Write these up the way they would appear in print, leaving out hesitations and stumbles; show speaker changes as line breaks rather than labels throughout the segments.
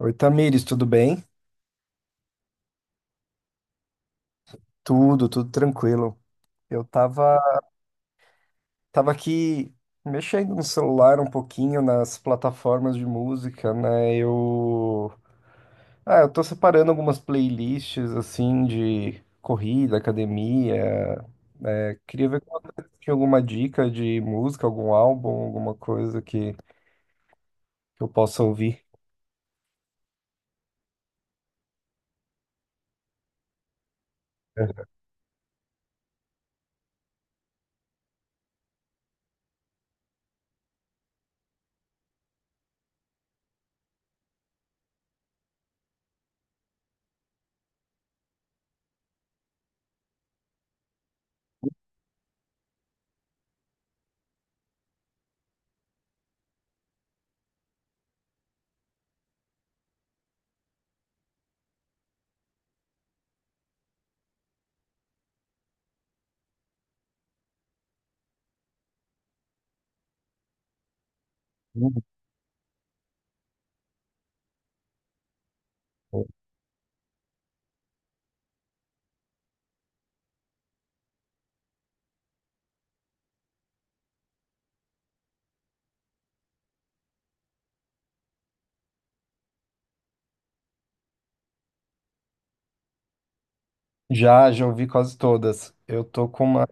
Oi, Tamires, tudo bem? Tudo, tranquilo. Eu tava, Tava aqui mexendo no celular um pouquinho nas plataformas de música, né? Eu tô separando algumas playlists assim de corrida, academia. Né? Queria ver como você tinha alguma dica de música, algum álbum, alguma coisa que eu possa ouvir. Uhum. Já ouvi quase todas.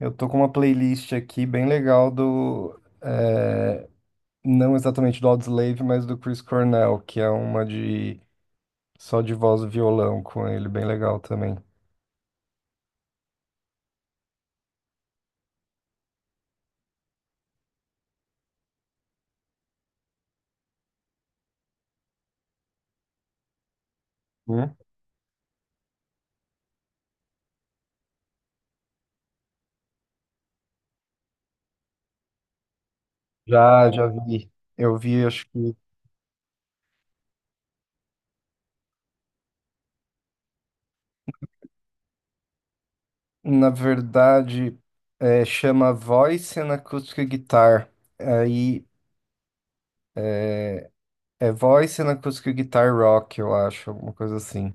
Eu tô com uma playlist aqui bem legal do eh, não exatamente do Audioslave, mas do Chris Cornell, que é uma de só de voz e violão com ele, bem legal também. Hum? Já vi. Eu vi, na verdade, chama Voice and Acoustic Guitar. Aí é, é Voice and Acoustic Guitar Rock, eu acho, alguma coisa assim.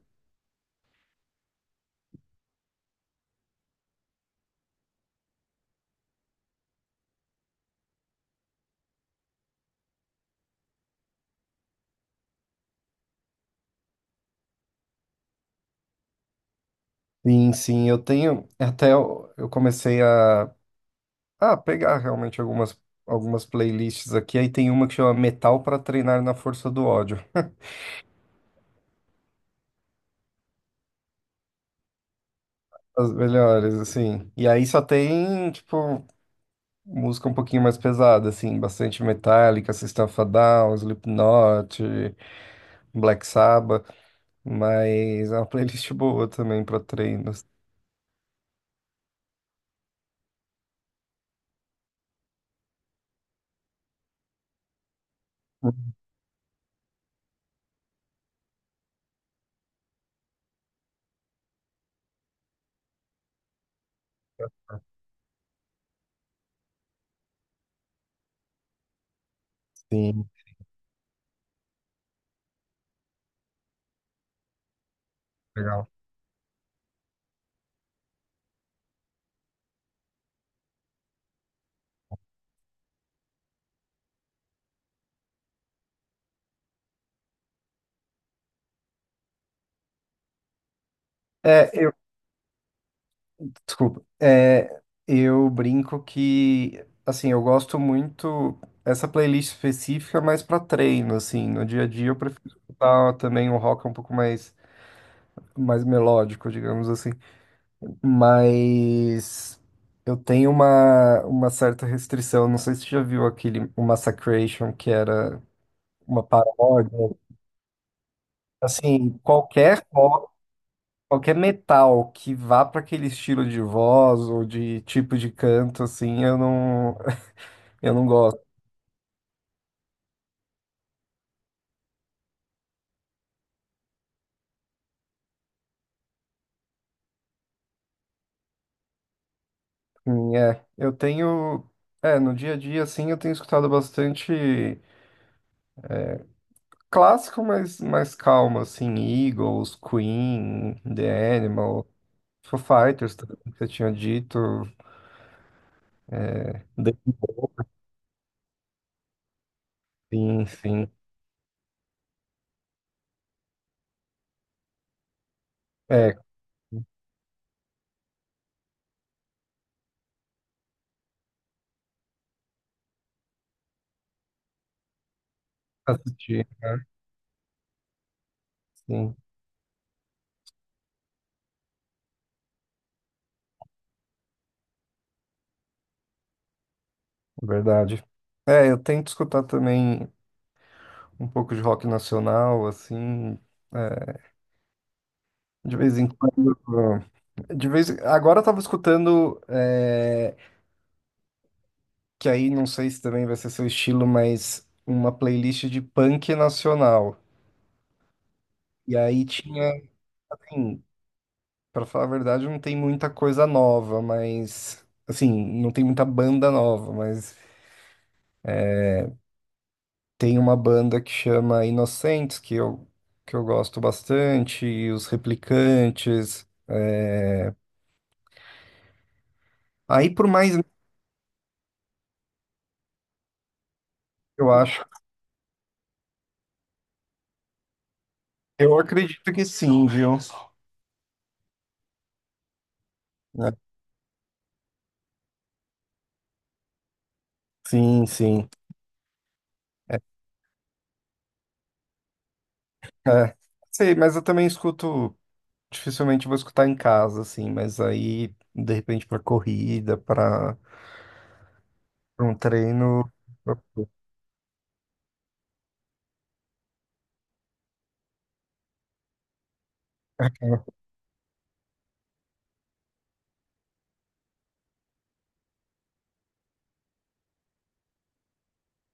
Sim, sim, eu tenho. Eu comecei a pegar realmente algumas playlists aqui. Aí tem uma que chama Metal para Treinar na Força do Ódio. As melhores, assim. E aí só tem, tipo, música um pouquinho mais pesada, assim, bastante Metallica, System of a Down, Slipknot, Black Sabbath, mas é uma playlist boa também pra treinos. Sim, legal. É, eu, eu brinco que, assim, eu gosto muito essa playlist específica mais pra treino, assim, no dia a dia eu prefiro escutar também um rock um pouco mais, mais melódico, digamos assim. Mas uma certa restrição. Não sei se você já viu aquele o Massacration, que era uma paródia. Assim, qualquer metal que vá para aquele estilo de voz ou de tipo de canto, assim, eu não, eu não gosto. Assim, é, eu tenho. É, no dia a dia, assim, eu tenho escutado bastante clássico, mas mais calmo, assim, Eagles, Queen, The Animals. Foo Fighters, tudo que você tinha dito. The Sim, sim. É, assisti, né? Sim, verdade. É, eu tento escutar também um pouco de rock nacional, assim, é, de vez em quando. Agora eu tava escutando, é, que aí não sei se também vai ser seu estilo, mas uma playlist de punk nacional. E aí tinha, assim, Pra falar a verdade, não tem muita coisa nova, mas assim, não tem muita banda nova, mas tem uma banda que chama Inocentes, que eu gosto bastante, e os Replicantes. Aí por mais eu acho. Eu acredito que sim, viu? Né? Sim, sim. É. é, Sei, mas eu também escuto, dificilmente vou escutar em casa, assim, mas aí, de repente, pra corrida, pra um treino.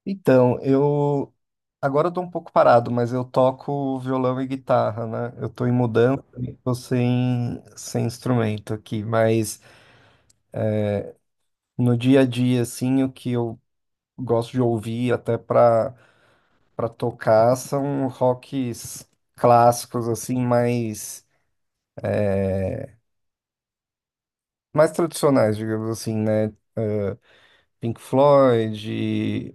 Então, eu agora eu tô um pouco parado, mas eu toco violão e guitarra, né? Eu tô em mudança, e tô sem instrumento aqui, mas no dia a dia, assim, o que eu gosto de ouvir até pra tocar são rocks clássicos, assim, mais tradicionais, digamos assim, né? É, Pink Floyd,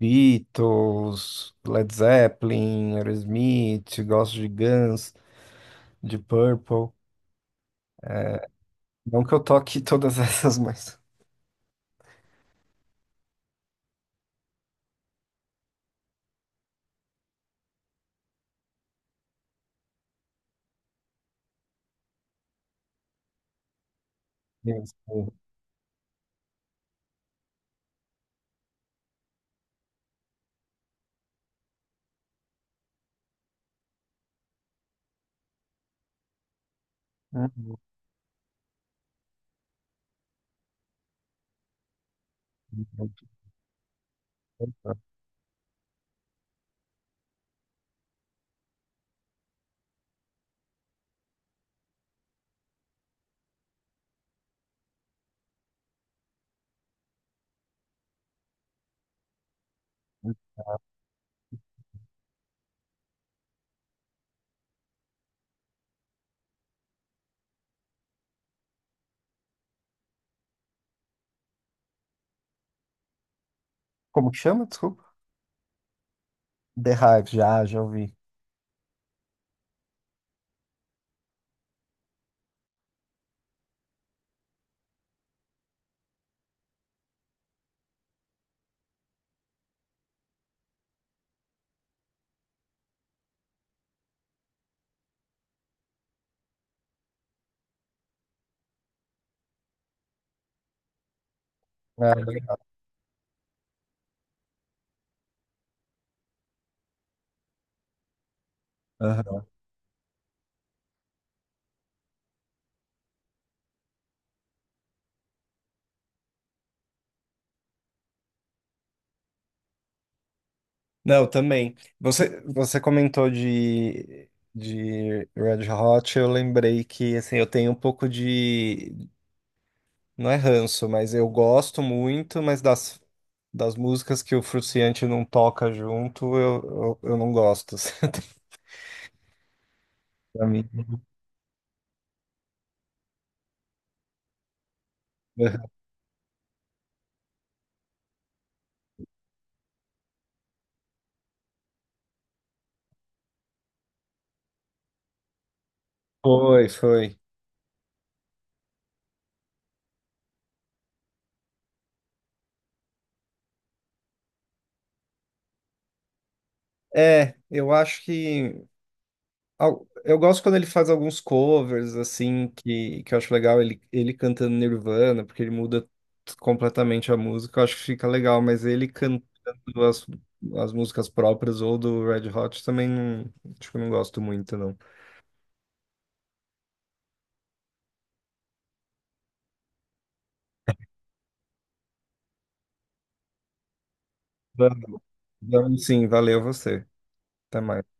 Beatles, Led Zeppelin, Aerosmith, gosto de Guns, de Purple. Não que eu toque todas essas, mas. Isso. Como que chama? Desculpa. The Hive, já ouvi. Ah, legal. Aham. Não, também. Você comentou de Red Hot, eu lembrei que assim, eu tenho um pouco de. Não é ranço, mas eu gosto muito, mas das músicas que o Fruciante não toca junto, eu não gosto. Assim, pra mim. Foi, foi. É, eu acho que. Al- eu gosto quando ele faz alguns covers, assim, que eu acho legal. Ele cantando Nirvana, porque ele muda t- completamente a música. Eu acho que fica legal, mas ele cantando as, as músicas próprias ou do Red Hot também não, tipo, não gosto muito, não. Vamos, vamos sim, valeu você. Até mais.